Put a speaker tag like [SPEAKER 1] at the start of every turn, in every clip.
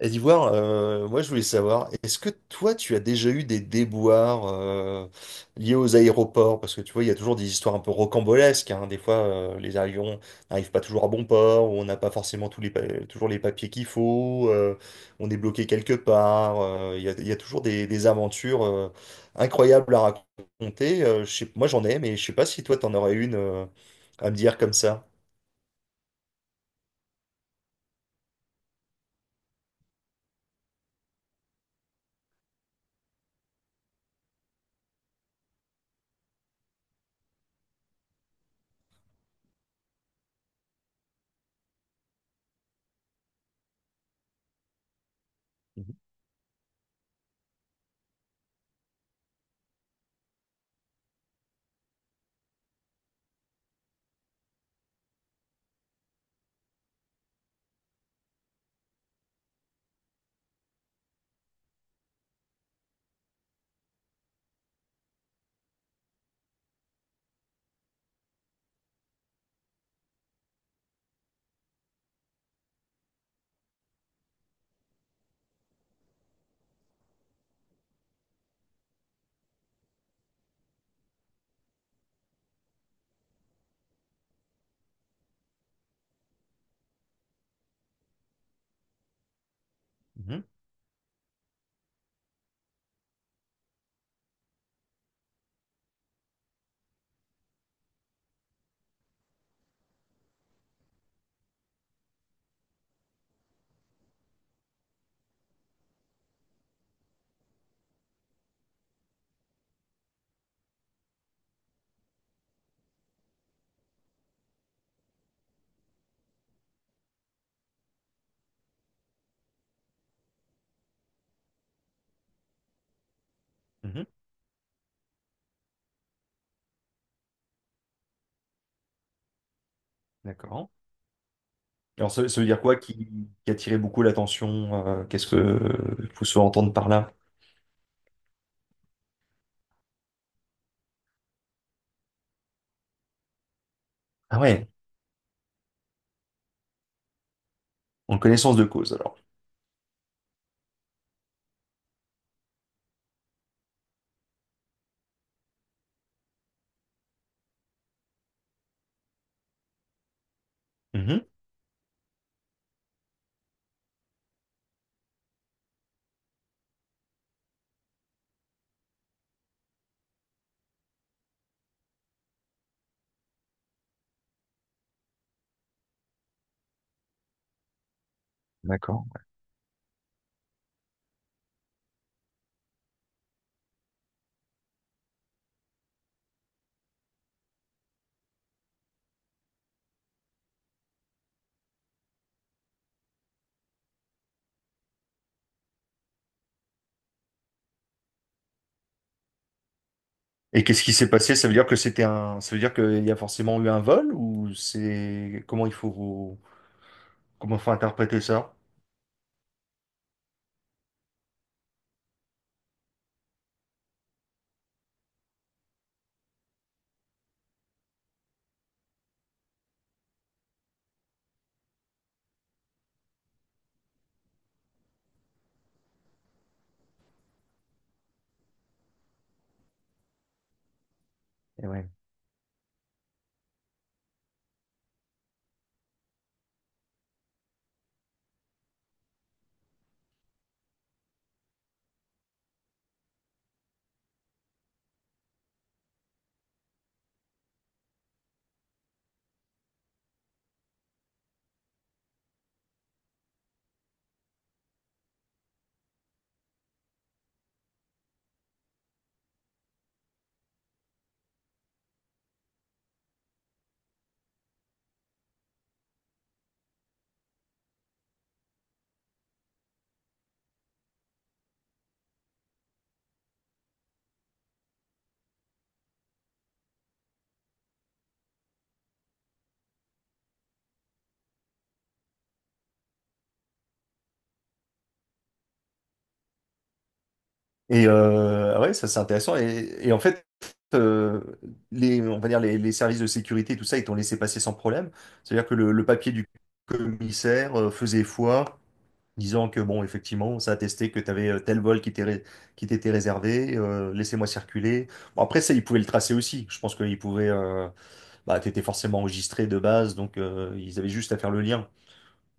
[SPEAKER 1] Et d'Ivoire, moi je voulais savoir, est-ce que toi tu as déjà eu des déboires liés aux aéroports? Parce que tu vois, il y a toujours des histoires un peu rocambolesques, hein. Des fois, les avions n'arrivent pas toujours à bon port, ou on n'a pas forcément tous les toujours les papiers qu'il faut, on est bloqué quelque part. Il y a toujours des aventures incroyables à raconter. Moi j'en ai, mais je sais pas si toi t'en aurais une à me dire comme ça. Mhm. Mhm. Mhm. D'accord. Alors, ça veut dire qui a attiré beaucoup l'attention? Qu'est-ce que il faut se entendre par là? Ah ouais, en connaissance de cause, alors. Mhm. D'accord. Et qu'est-ce qui s'est passé? Ça veut dire que ça veut dire qu'il y a forcément eu un vol, ou c'est comment faut interpréter ça? Et ouais. Et ouais, ça c'est intéressant. Et en fait, euh, on va dire les services de sécurité et tout ça, ils t'ont laissé passer sans problème. C'est-à-dire que le papier du commissaire faisait foi, disant que bon, effectivement, ça attestait que tu avais tel vol qui qui t'était réservé, laissez-moi circuler. Bon, après ça, ils pouvaient le tracer aussi. Je pense qu'ils pouvaient, bah, t'étais forcément enregistré de base, donc ils avaient juste à faire le lien.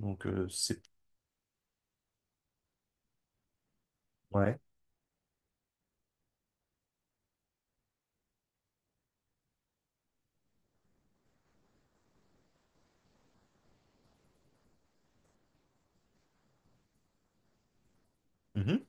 [SPEAKER 1] Donc c'est Ouais. Mhm.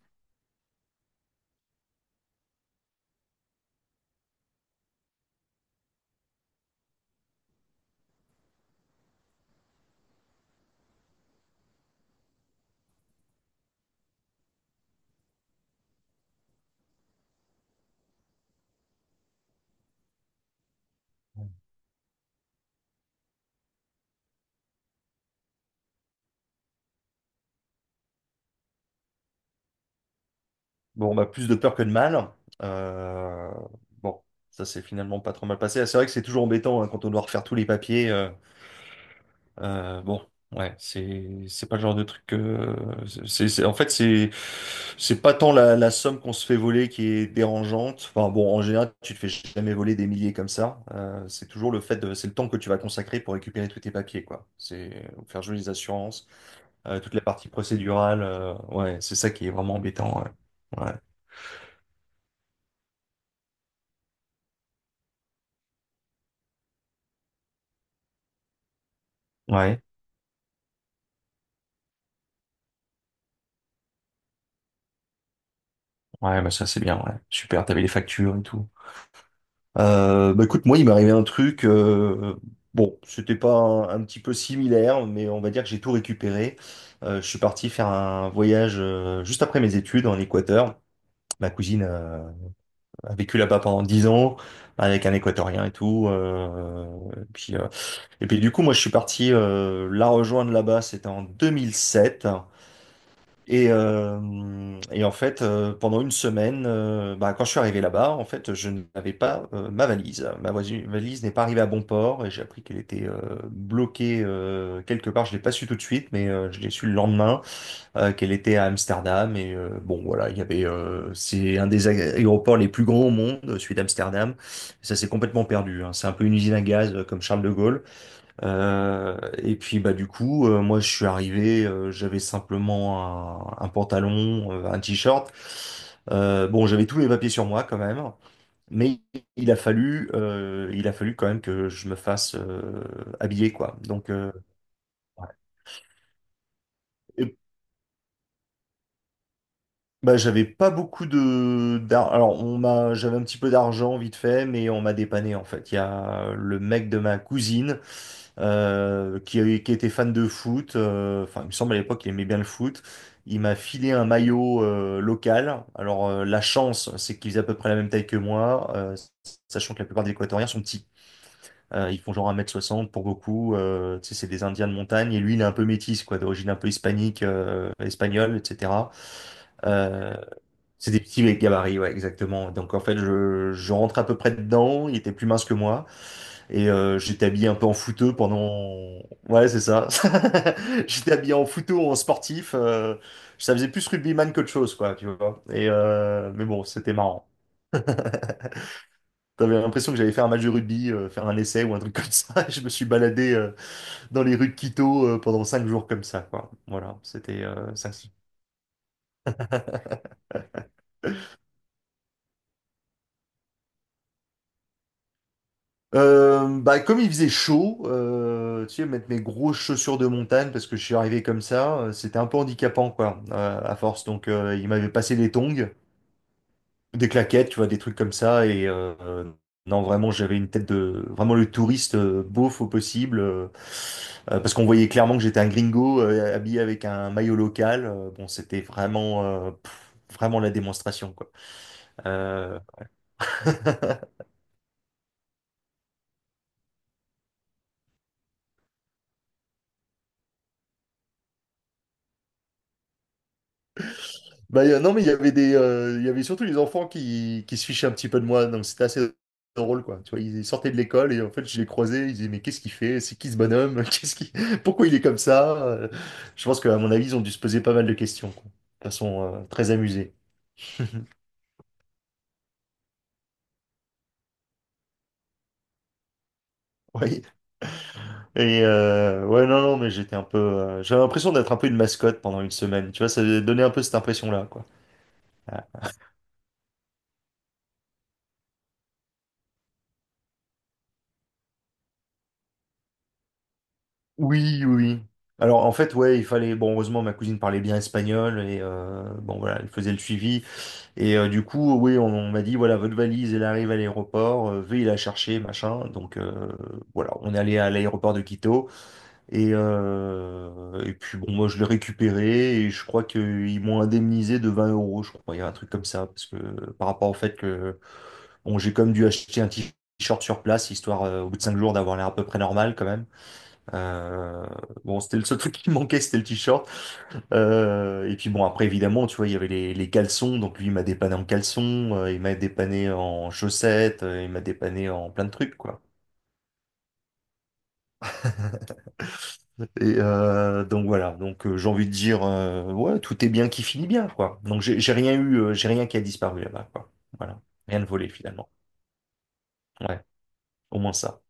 [SPEAKER 1] Bon, bah, plus de peur que de mal. Euh, bon, ça s'est finalement pas trop mal passé. Ah, c'est vrai que c'est toujours embêtant hein, quand on doit refaire tous les papiers. Bon, ouais, c'est pas le genre de truc en fait c'est pas tant la somme qu'on se fait voler qui est dérangeante. Enfin bon, en général, tu te fais jamais voler des milliers comme ça. C'est toujours le fait de c'est le temps que tu vas consacrer pour récupérer tous tes papiers quoi. C'est faire jouer les assurances, toute la partie procédurale. Ouais, c'est ça qui est vraiment embêtant. Ouais. Ouais. Ouais. Ouais, bah ça c'est bien, ouais. Super, t'avais les factures et tout. Bah écoute, moi, il m'est arrivé un truc. Bon, c'était pas un, un petit peu similaire, mais on va dire que j'ai tout récupéré. Je suis parti faire un voyage juste après mes études en Équateur. Ma cousine a vécu là-bas pendant 10 ans avec un Équatorien et tout. Et puis, euh, et puis du coup, moi, je suis parti la rejoindre là-bas. C'était en 2007. Et en fait, pendant une semaine, bah, quand je suis arrivé là-bas, en fait, je n'avais pas ma valise. Ma valise n'est pas arrivée à bon port et j'ai appris qu'elle était bloquée quelque part. Je l'ai pas su tout de suite, mais je l'ai su le lendemain qu'elle était à Amsterdam. Et bon, voilà, il y avait, c'est un des aéroports les plus grands au monde, celui d'Amsterdam. Ça s'est complètement perdu, hein. C'est un peu une usine à gaz comme Charles de Gaulle. Et puis bah du coup, moi je suis arrivé, j'avais simplement un pantalon, un t-shirt. Bon, j'avais tous les papiers sur moi quand même, mais il a fallu quand même que je me fasse habiller quoi. Donc, ouais. Bah, j'avais pas beaucoup alors on m'a j'avais un petit peu d'argent vite fait mais on m'a dépanné en fait. Il y a le mec de ma cousine qui était fan de foot enfin il me semble à l'époque il aimait bien le foot. Il m'a filé un maillot local. Alors la chance c'est qu'il faisait à peu près la même taille que moi sachant que la plupart des Équatoriens sont petits. Ils font genre 1,60 mètre pour beaucoup. Tu sais, c'est des Indiens de montagne. Et lui, il est un peu métis, quoi, d'origine un peu hispanique, espagnole, etc. Euh, c'est des petits gabarits, ouais, exactement. Donc en fait, je rentre à peu près dedans. Il était plus mince que moi. Et j'étais habillé un peu en fouteux pendant… Ouais, c'est ça. J'étais habillé en fouteux, en sportif. Ça faisait plus rugbyman qu'autre chose, quoi, tu vois. Mais bon, c'était marrant. J'avais l'impression que j'allais faire un match de rugby, faire un essai ou un truc comme ça. Je me suis baladé dans les rues de Quito pendant 5 jours comme ça, quoi. Voilà, c'était ça. Bah, comme il faisait chaud, tu sais, mettre mes grosses chaussures de montagne parce que je suis arrivé comme ça, c'était un peu handicapant, quoi, à force. Donc, il m'avait passé des tongs. Des claquettes, tu vois, des trucs comme ça. Non, vraiment, j'avais une tête de vraiment le touriste beauf au possible, parce qu'on voyait clairement que j'étais un gringo habillé avec un maillot local. Bon, c'était vraiment, pff, vraiment la démonstration, quoi. Euh, non, mais il y avait il y avait surtout les enfants qui se fichaient un petit peu de moi, donc c'était assez drôle, quoi. Tu vois, ils sortaient de l'école et en fait, je les croisais, ils disaient, mais qu'est-ce qu'il fait? C'est qui ce bonhomme? Pourquoi il est comme ça? Je pense qu'à mon avis, ils ont dû se poser pas mal de questions, quoi. De façon, très amusée. Oui. Et ouais, non, non, mais j'étais un peu, j'avais l'impression d'être un peu une mascotte pendant une semaine. Tu vois, ça donnait un peu cette impression-là, quoi. Oui, oui, oui. Alors en fait, ouais, il fallait. Bon, heureusement, ma cousine parlait bien espagnol et bon voilà, elle faisait le suivi. Et du coup, oui, on m'a dit voilà, votre valise, elle arrive à l'aéroport, veuillez la chercher, machin. Donc voilà, on est allé à l'aéroport de Quito et puis bon, moi je l'ai récupéré et je crois qu'ils m'ont indemnisé de 20 euros, je crois, il y a un truc comme ça parce que par rapport au fait que bon, j'ai comme dû acheter un t-shirt sur place histoire au bout de 5 jours d'avoir l'air à peu près normal quand même. Euh, bon, c'était le seul truc qui manquait, c'était le t-shirt. Et puis bon, après, évidemment, tu vois, il y avait les caleçons. Donc lui, il m'a dépanné en caleçon, il m'a dépanné en chaussettes, il m'a dépanné en plein de trucs, quoi. Et donc voilà, donc j'ai envie de dire, ouais, tout est bien qui finit bien, quoi. Donc j'ai rien eu, j'ai rien qui a disparu là-bas, quoi. Voilà, rien de volé finalement. Ouais, au moins ça.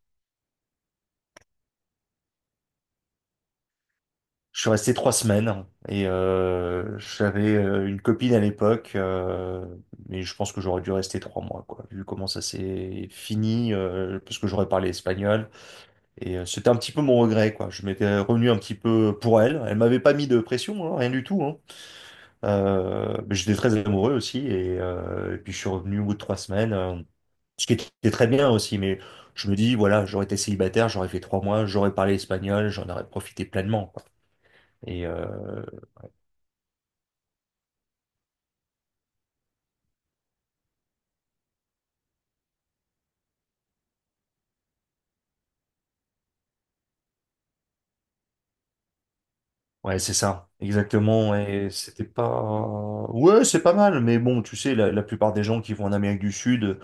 [SPEAKER 1] Je suis resté 3 semaines et j'avais une copine à l'époque, mais je pense que j'aurais dû rester 3 mois, quoi, vu comment ça s'est fini, parce que j'aurais parlé espagnol. Et c'était un petit peu mon regret, quoi. Je m'étais revenu un petit peu pour elle. Elle m'avait pas mis de pression, hein, rien du tout, hein. Mais j'étais très amoureux aussi, et puis je suis revenu au bout de 3 semaines, ce qui était très bien aussi, mais je me dis, voilà, j'aurais été célibataire, j'aurais fait 3 mois, j'aurais parlé espagnol, j'en aurais profité pleinement, quoi. Et, ouais, c'est ça, exactement. Et c'était pas. Ouais, c'est pas mal, mais bon, tu sais, la plupart des gens qui vont en Amérique du Sud,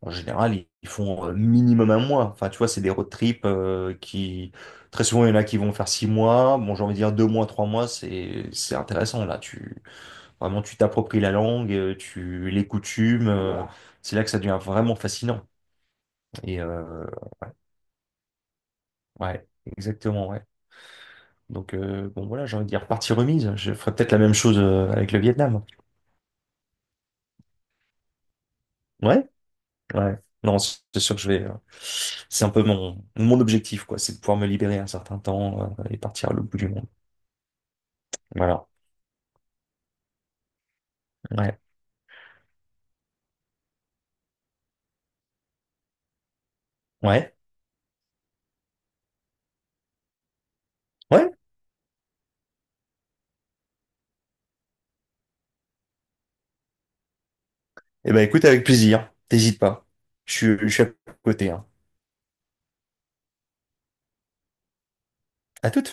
[SPEAKER 1] en général, ils font minimum 1 mois. Enfin, tu vois, c'est des road trips qui. Très souvent, il y en a qui vont faire 6 mois. Bon, j'ai envie de dire 2 mois, 3 mois, c'est intéressant, là. Tu… Vraiment, tu t'appropries la langue, tu les coutumes. C'est là que ça devient vraiment fascinant. Et ouais, exactement, ouais. Donc, bon, voilà, j'ai envie de dire partie remise. Je ferais peut-être la même chose avec le Vietnam. Ouais. Ouais. Non, c'est sûr que je vais. C'est un peu mon objectif, quoi. C'est de pouvoir me libérer un certain temps et partir à l'autre bout du monde. Voilà. Ouais. Ouais. Ouais. Eh ben, écoute, avec plaisir. T'hésites pas. Je suis à côté, hein. À tout